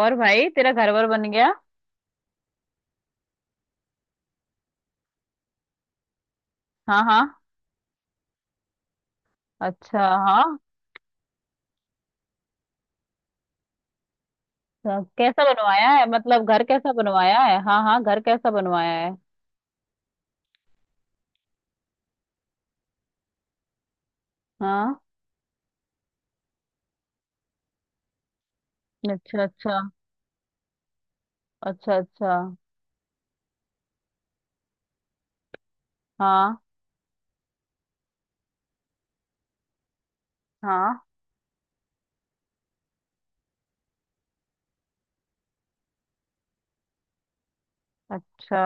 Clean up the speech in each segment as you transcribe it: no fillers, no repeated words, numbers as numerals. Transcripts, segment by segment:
और भाई तेरा घर वर बन गया। हाँ हाँ। अच्छा। हाँ, तो कैसा बनवाया है, मतलब घर कैसा बनवाया है? हाँ हाँ, घर कैसा बनवाया है? हाँ। अच्छा अच्छा। अच्छा अच्छा। हाँ हाँ। अच्छा।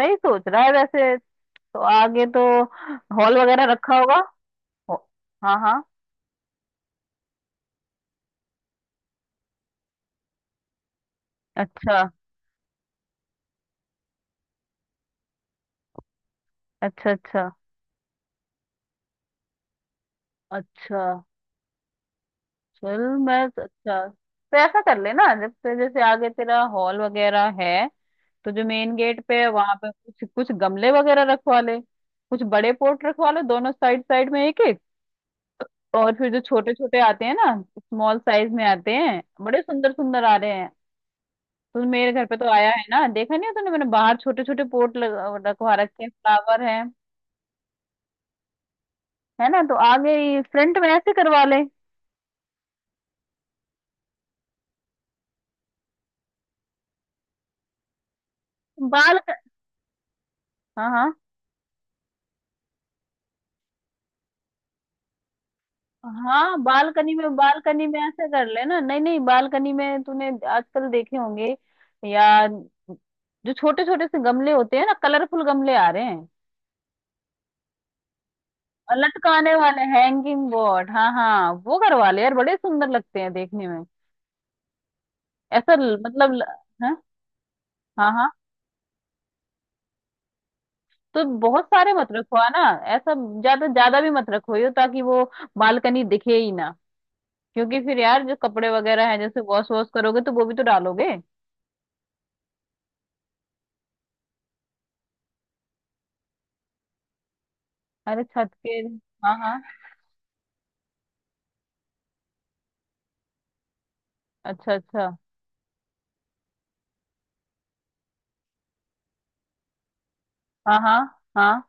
सही सोच रहा है वैसे। तो आगे तो हॉल वगैरह रखा होगा। हो- हाँ हाँ। अच्छा अच्छा। अच्छा अच्छा। चल। मैं अच्छा, तो ऐसा कर लेना, जब से जैसे आगे तेरा हॉल वगैरह है तो जो मेन गेट पे है वहां पे कुछ कुछ गमले वगैरह रखवा ले। कुछ बड़े पॉट रखवा ले, दोनों साइड साइड में एक एक। और फिर जो छोटे छोटे आते हैं ना, स्मॉल साइज में आते हैं, बड़े सुंदर सुंदर आ रहे हैं। तो मेरे घर पे तो आया है ना, देखा नहीं है तूने? मैंने बाहर छोटे छोटे पॉट रखवा रखे हैं, फ्लावर हैं। है ना, तो आगे फ्रंट में ऐसे करवा ले। बाल हाँ हाँ। हाँ, बालकनी में ऐसे कर लेना, नहीं नहीं, बालकनी में तूने आजकल देखे होंगे, या जो छोटे छोटे से गमले होते हैं ना, कलरफुल गमले आ रहे हैं और लटकाने वाले हैंगिंग बोर्ड। हाँ हाँ, वो करवा ले यार, बड़े सुंदर लगते हैं देखने में। ऐसा हाँ हाँ। हाँ, तो बहुत सारे मत रखवा ना। ऐसा ज्यादा ज्यादा भी मत रखवाइयो ताकि वो बालकनी दिखे ही ना। क्योंकि फिर यार जो कपड़े वगैरह हैं, जैसे वॉश वॉश करोगे तो वो भी तो डालोगे। अरे छत के। हाँ हाँ। अच्छा अच्छा। हाँ हाँ हाँ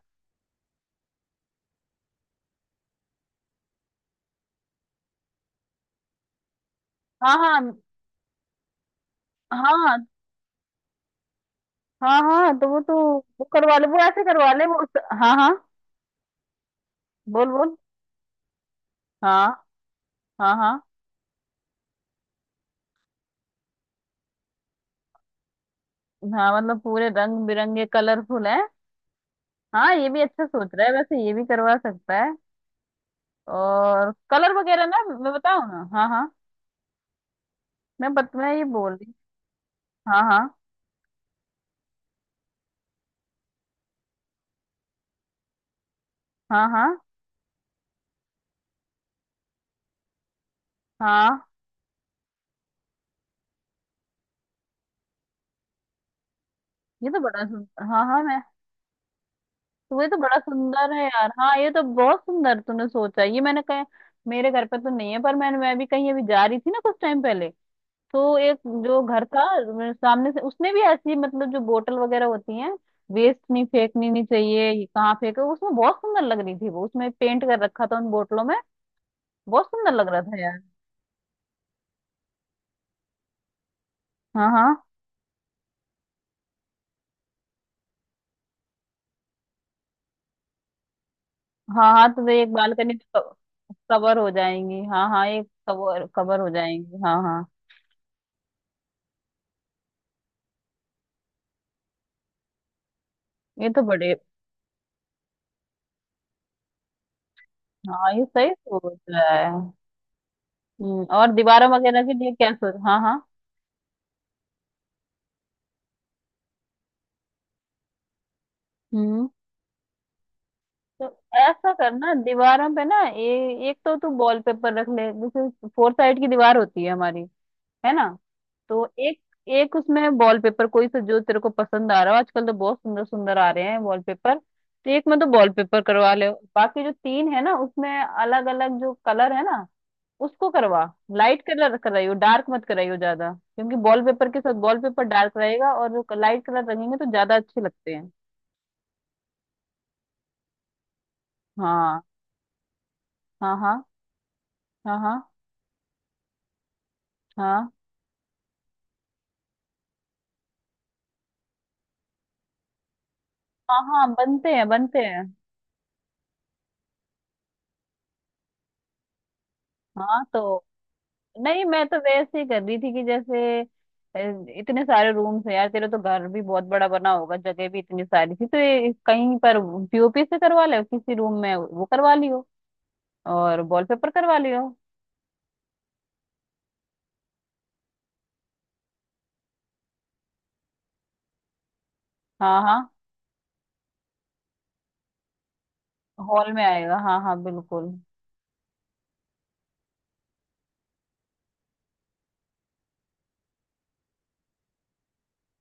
हाँ हाँ हाँ हाँ हाँ, तो वो करवा ले, वो ऐसे करवा ले, वो हाँ हाँ। बोल बोल। हाँ हाँ हाँ हाँ, मतलब पूरे रंग बिरंगे कलरफुल है। हाँ, ये भी अच्छा सोच रहा है वैसे, ये भी करवा सकता है। और कलर वगैरह ना मैं बताऊँ ना? हाँ हाँ। मैं ये बोल रही। हाँ हाँ हाँ हाँ हाँ। ये तो बड़ा सुन हाँ हाँ। मैं तो, ये तो बड़ा सुंदर है यार, हाँ ये तो बहुत सुंदर तूने सोचा, ये मैंने कहा। मेरे घर पे तो नहीं है, पर मैं भी कहीं अभी जा रही थी ना कुछ टाइम पहले। तो एक, जो घर था मेरे सामने से, उसने भी ऐसी मतलब जो बोतल वगैरह होती है, वेस्ट नहीं, फेंकनी नहीं चाहिए ये, कहाँ फेंके, उसमें बहुत सुंदर लग रही थी वो, उसमें पेंट कर रखा था उन बोतलों में। बहुत सुंदर लग रहा था यार। हाँ हाँ हाँ हाँ, तो वे एक बालकनी तो कवर हो जाएंगी। हाँ हाँ, एक कवर कवर हो जाएंगी। हाँ हाँ। ये तो बड़े, हाँ ये सही सोच रहा है। और दीवारों वगैरह के लिए क्या सोच? हाँ हाँ। हम्म, तो ऐसा करना दीवारों पे ना, एक तो तू वॉलपेपर रख ले, जैसे फोर साइड की दीवार होती है हमारी, है ना? तो एक एक उसमें वॉलपेपर, कोई सा जो तेरे को पसंद आ रहा हो, आजकल तो बहुत सुंदर सुंदर आ रहे हैं वॉलपेपर, तो एक में तो वॉलपेपर करवा ले। बाकी जो तीन है ना, उसमें अलग अलग जो कलर है ना, उसको करवा। लाइट कलर कराइयो, डार्क मत कराइयो ज्यादा, क्योंकि वॉलपेपर के साथ वॉलपेपर डार्क रहेगा और जो लाइट कलर रंगेंगे तो ज्यादा अच्छे लगते हैं। हाँ हाँ हाँ हाँ हाँ हाँ हाँ हाँ, बनते हैं बनते हैं। हाँ तो नहीं, मैं तो वैसे ही कर रही थी कि जैसे इतने सारे रूम्स हैं यार, तेरा तो घर भी बहुत बड़ा बना होगा, जगह भी इतनी सारी थी तो ये कहीं पर पीओपी से करवा ले किसी रूम में, वो करवा लियो, और वॉलपेपर करवा लियो। हाँ हाँ, हॉल में आएगा, हाँ हाँ बिल्कुल।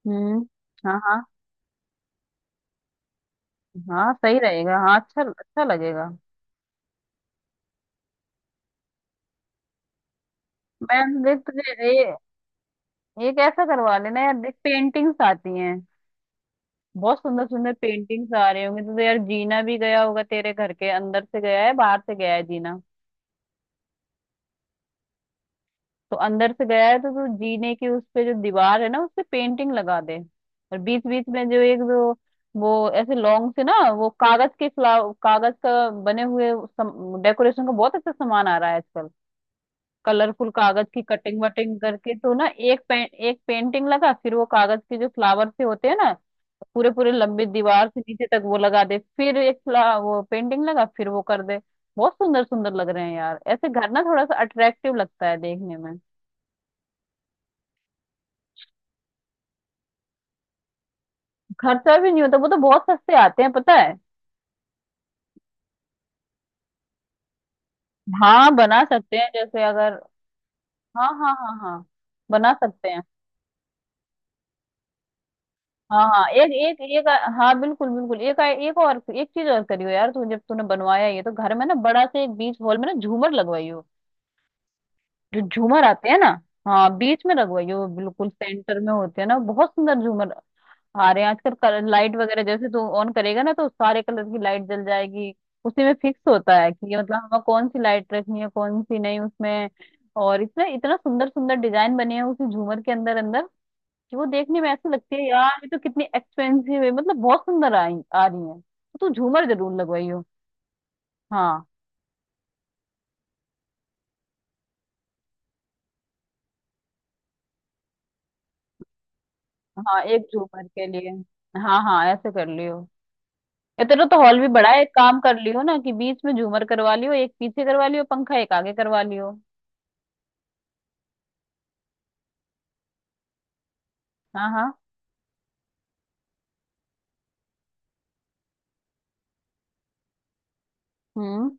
हम्म, हाँ हाँ हाँ, सही रहेगा, हाँ अच्छा अच्छा लगेगा। मैं देख तुझे ये एक ऐसा करवा लेना यार, देख पेंटिंग्स आती हैं, बहुत सुंदर सुंदर पेंटिंग्स आ रहे होंगे। तो यार जीना भी गया होगा तेरे घर के, अंदर से गया है, बाहर से गया है जीना? तो अंदर से गया है, तो तू जीने की, उस पे जो दीवार है ना, उस पे पेंटिंग लगा दे। और बीच बीच में जो एक, जो वो ऐसे लॉन्ग से ना, वो कागज के फ्लावर, कागज का बने हुए, डेकोरेशन का बहुत अच्छा सामान आ रहा है आजकल, कलरफुल कागज की कटिंग वटिंग करके तो ना, एक पेंटिंग लगा, फिर वो कागज के जो फ्लावर से होते हैं ना, पूरे पूरे लंबी दीवार से नीचे तक वो लगा दे, फिर एक वो पेंटिंग लगा फिर वो कर दे। बहुत सुंदर सुंदर लग रहे हैं यार, ऐसे घर ना थोड़ा सा अट्रैक्टिव लगता है देखने में। खर्चा भी नहीं होता, वो तो बहुत सस्ते आते हैं, पता है। हाँ बना सकते हैं जैसे अगर, हाँ हाँ हाँ हाँ बना सकते हैं, हाँ हाँ, एक एक एक, हाँ बिल्कुल बिल्कुल, एक एक और एक चीज और करियो यार, तू जब तूने बनवाया ये, तो घर में ना बड़ा से एक बीच हॉल में ना झूमर लगवाइयो, जो झूमर आते हैं ना। हाँ बीच में लगवाइयो, बिल्कुल सेंटर में होते हैं ना, बहुत सुंदर झूमर आ रहे हैं आजकल, लाइट वगैरह जैसे तू ऑन करेगा ना तो सारे कलर की लाइट जल जाएगी। उसी में फिक्स होता है कि ये, मतलब हमें कौन सी लाइट रखनी है कौन सी नहीं उसमें। और इतना इतना सुंदर सुंदर डिजाइन बने हैं उसी झूमर के अंदर अंदर। वो देखने में ऐसे लगती है यार, ये तो कितनी एक्सपेंसिव है, मतलब बहुत सुंदर आई आ रही है, तो तू झूमर जरूर लगवाई हो। हाँ हाँ, एक झूमर के लिए, हाँ हाँ ऐसे कर लियो। ये तेरा तो हॉल भी बड़ा है, एक काम कर लियो ना कि बीच में झूमर करवा लियो, एक पीछे करवा लियो पंखा, एक आगे करवा लियो। हाँ हाँ। हम्म,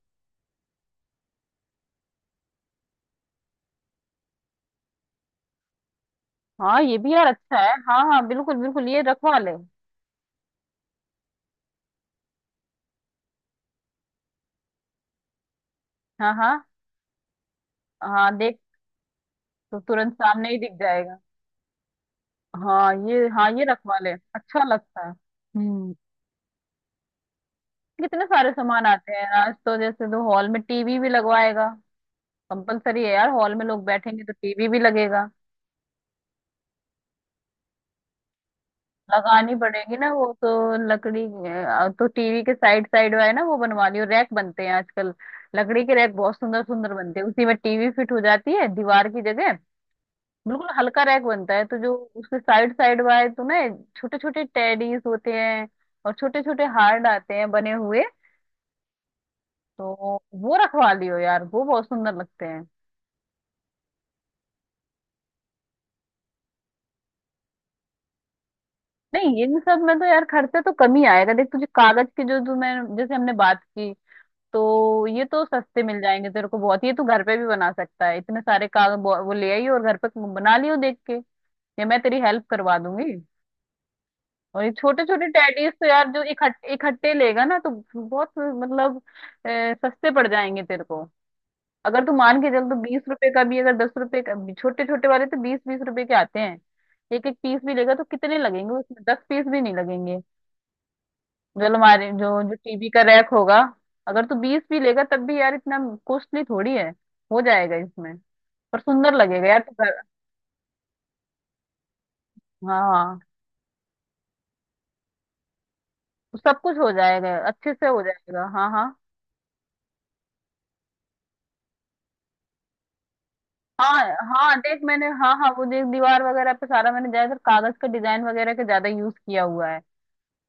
हाँ, ये भी यार अच्छा है, हाँ हाँ बिल्कुल बिल्कुल ये रखवा ले। हाँ हाँ हाँ, देख, तो तुरंत सामने ही दिख जाएगा। हाँ ये, हाँ ये रखवा ले, अच्छा लगता है। हम्म। कितने सारे सामान आते हैं आज, तो जैसे तो हॉल में टीवी भी लगवाएगा, कंपलसरी है यार, हॉल में लोग बैठेंगे तो टीवी भी लगेगा। लगानी पड़ेगी ना वो तो। लकड़ी तो टीवी के साइड साइड है ना, वो बनवा लियो, रैक बनते हैं आजकल। लकड़ी के रैक बहुत सुंदर सुंदर बनते हैं, उसी में टीवी फिट हो जाती है दीवार की जगह। बिल्कुल हल्का रैक बनता है, तो जो उसके साइड साइड वाले तो ना, छोटे छोटे टेडीज होते हैं और छोटे छोटे हार्ड आते हैं बने हुए। तो वो रखवा लियो यार, वो बहुत सुंदर लगते हैं। नहीं, इन सब में तो यार खर्चा तो कम ही आएगा। देख, तुझे कागज के जो जो, मैं जैसे हमने बात की, तो ये तो सस्ते मिल जाएंगे तेरे को बहुत, ये तू घर पे भी बना सकता है, इतने सारे कागज वो ले आई और घर पे बना लियो देख के। ये मैं तेरी हेल्प करवा दूंगी। और ये छोटे छोटे टेडीज तो यार जो इकट्ठे इकट्ठे लेगा ना, तो बहुत मतलब सस्ते पड़ जाएंगे तेरे को। अगर तू मान के चल तो बीस रुपए का भी, अगर 10 रुपए का भी, छोटे छोटे वाले तो 20-20 रुपए के आते हैं। एक एक पीस भी लेगा तो कितने लगेंगे? उसमें 10 पीस भी नहीं लगेंगे। जो हमारे जो जो टीवी का रैक होगा, अगर तू 20 भी लेगा तब भी यार इतना कॉस्टली थोड़ी है, हो जाएगा इसमें। पर सुंदर लगेगा यार तो घर। हाँ हाँ, सब कुछ हो जाएगा अच्छे से हो जाएगा। हाँ हाँ हाँ हाँ। देख मैंने, हाँ हाँ, वो देख दीवार वगैरह पे सारा मैंने ज्यादातर कागज का डिजाइन वगैरह का ज्यादा यूज किया हुआ है।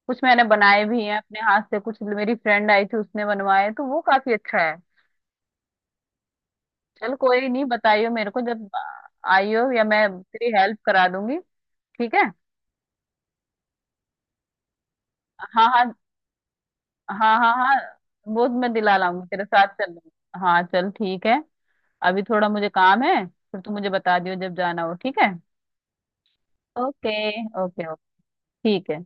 कुछ मैंने बनाए भी हैं अपने हाथ से, कुछ मेरी फ्रेंड आई थी उसने बनवाए, तो वो काफी अच्छा है। चल, कोई नहीं, बताइयो मेरे को जब आइयो, या मैं तेरी हेल्प करा दूंगी, ठीक है? हाँ हाँ हाँ हाँ हाँ। वो मैं दिला लाऊंगी, तेरे साथ चल लूंगी, हाँ चल ठीक है। अभी थोड़ा मुझे काम है, फिर तू मुझे बता दियो जब जाना हो, ठीक है? ओके। Okay okay. ठीक है।